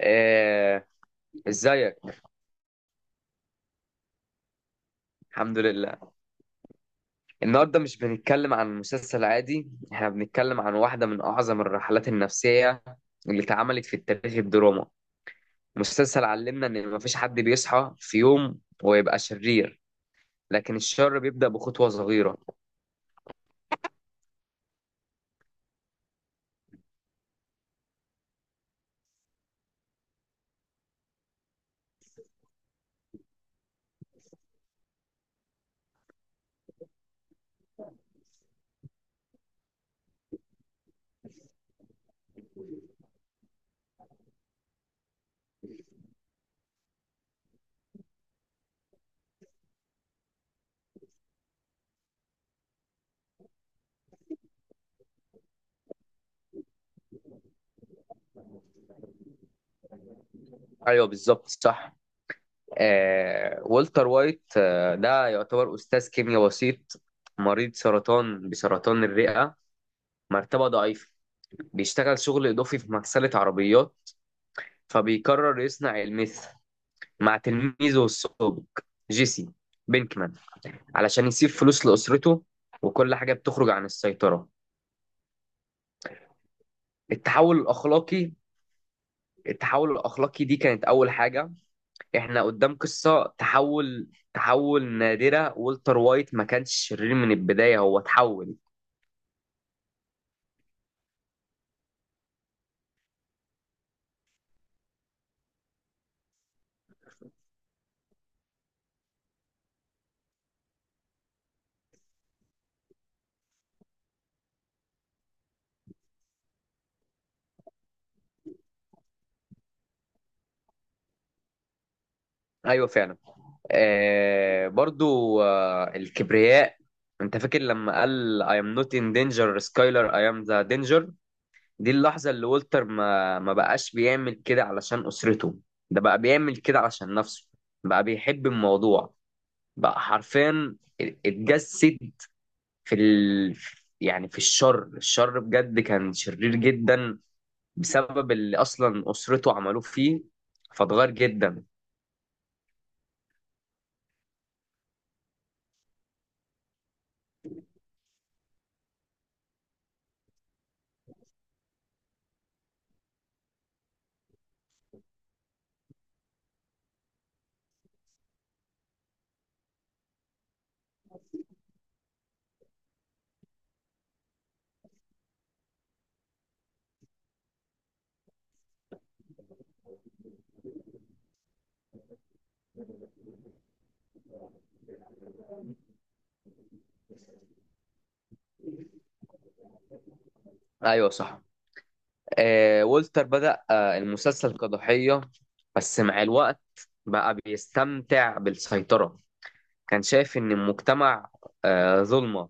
آه، ازيك. الحمد لله. النهارده مش بنتكلم عن مسلسل عادي، احنا بنتكلم عن واحده من اعظم الرحلات النفسيه اللي اتعملت في التاريخ الدراما. مسلسل علمنا ان مفيش حد بيصحى في يوم ويبقى شرير، لكن الشر بيبدأ بخطوه صغيره. ايوه بالظبط صح. والتر وايت ده يعتبر استاذ كيمياء بسيط، مريض سرطان بسرطان الرئه، مرتبه ضعيفه، بيشتغل شغل اضافي في مغسله عربيات، فبيقرر يصنع الميث مع تلميذه السابق جيسي بينكمان علشان يسيب فلوس لأسرته، وكل حاجة بتخرج عن السيطرة. التحول الأخلاقي، التحول الأخلاقي دي كانت أول حاجة. إحنا قدام قصة تحول، تحول نادرة. والتر وايت ما كانش شرير من البداية، هو تحول. أيوة فعلا. آه برضو آه الكبرياء. أنت فاكر لما قال I am not in danger Skyler I am the danger؟ دي اللحظة اللي والتر ما بقاش بيعمل كده علشان أسرته، ده بقى بيعمل كده علشان نفسه، بقى بيحب الموضوع، بقى حرفيا اتجسد في ال... يعني في الشر. الشر بجد كان شرير جدا بسبب اللي أصلا أسرته عملوه فيه، فاتغير جدا. أيوه صح. آه والتر بدأ آه المسلسل كضحية، بس مع الوقت بقى بيستمتع بالسيطرة، كان شايف إن المجتمع آه ظلمة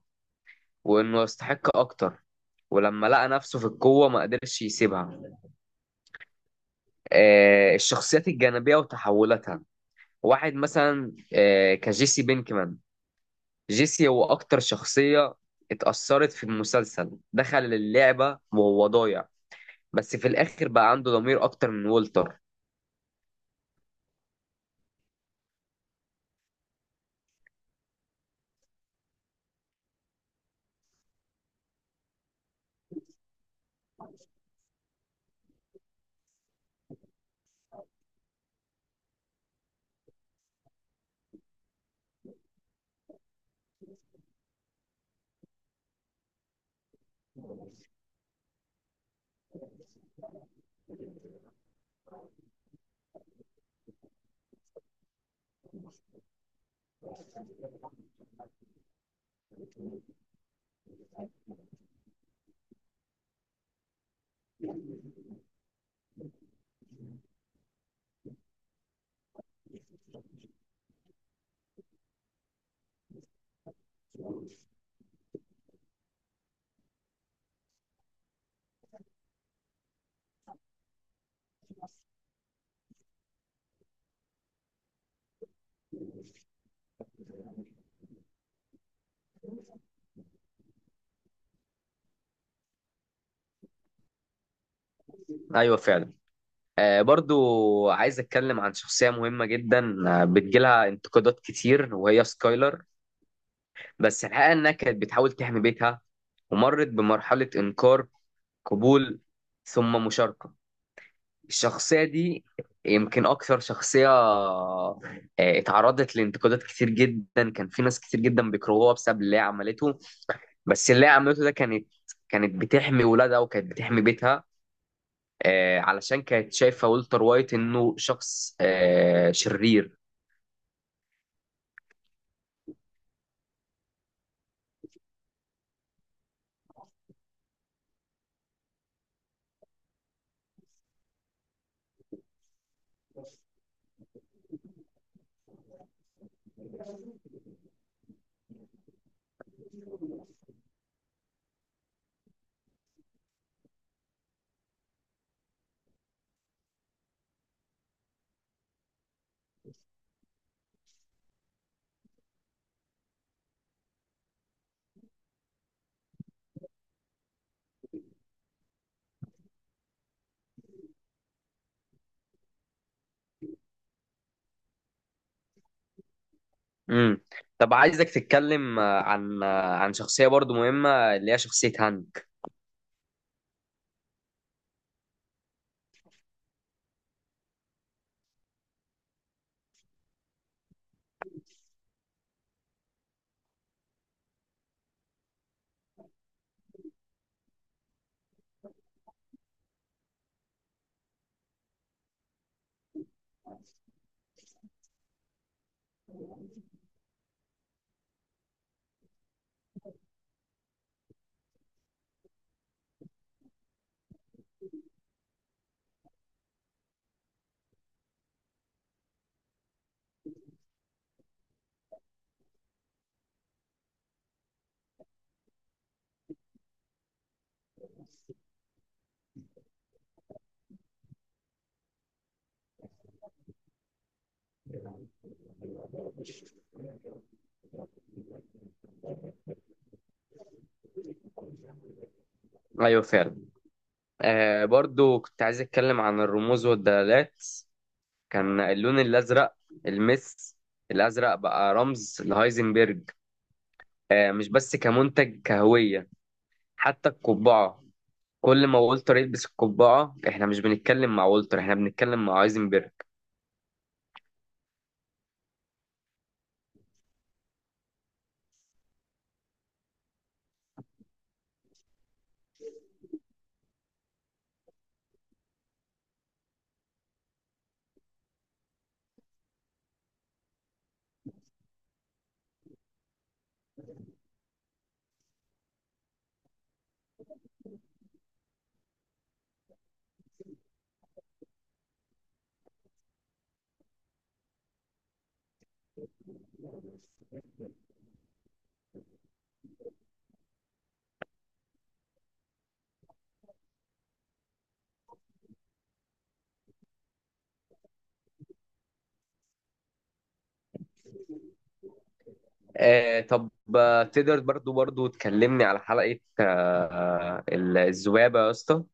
وانه يستحق اكتر، ولما لقى نفسه في القوة ما قدرش يسيبها. آه الشخصيات الجانبية وتحولاتها. واحد مثلا آه كجيسي بينكمان. جيسي هو اكتر شخصية اتأثرت في المسلسل، دخل اللعبة وهو ضايع، بس في الاخر بقى عنده ضمير اكتر من والتر. ايوه فعلا. آه برضو عايز اتكلم عن شخصية مهمة جدا، بتجيلها انتقادات كتير وهي سكايلر. بس الحقيقة انها كانت بتحاول تحمي بيتها، ومرت بمرحلة إنكار، قبول، ثم مشاركة. الشخصية دي يمكن أكثر شخصية اتعرضت لانتقادات كتير جدا، كان في ناس كتير جدا بيكرهوها بسبب اللي هي عملته، بس اللي هي عملته ده كانت بتحمي ولادها وكانت بتحمي بيتها، علشان كانت شايفة ولتر وايت إنه شخص شرير. مم. طب عايزك تتكلم عن شخصية برضو مهمة، اللي هي شخصية هانك. أيوة فعلا. آه برضو كنت عايز أتكلم عن الرموز والدلالات. كان اللون الازرق، المس الازرق بقى رمز لهايزنبرج. آه مش بس كمنتج، كهويه. حتى القبعه، كل ما والتر يلبس القبعه احنا مش بنتكلم مع والتر، احنا بنتكلم مع هايزنبرج. آه طب، تقدر برضو تكلمني على حلقه الذبابه يا اسطى؟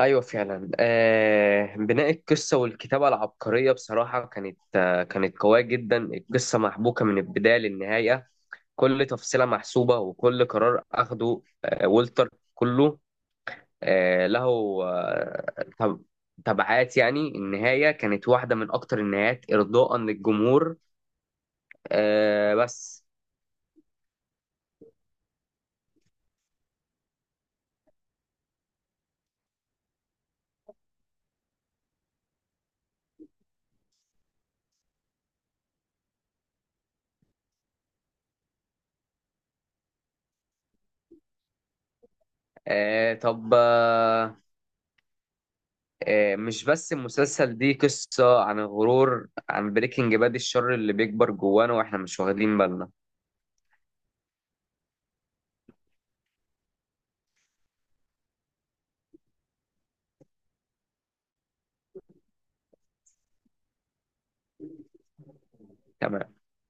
ايوه فعلا. آه بناء القصه والكتابه العبقريه بصراحه كانت آه كانت قويه جدا، القصه محبوكه من البدايه للنهايه. كل تفصيلة محسوبة، وكل قرار أخده والتر كله له آه، تب- تبعات. يعني النهاية كانت واحدة من أكتر النهايات إرضاء للجمهور، آه، بس آه، طب آه، آه، مش بس المسلسل دي قصة عن الغرور. عن بريكنج باد، الشر اللي بيكبر جوانا وإحنا مش واخدين بالنا. تمام.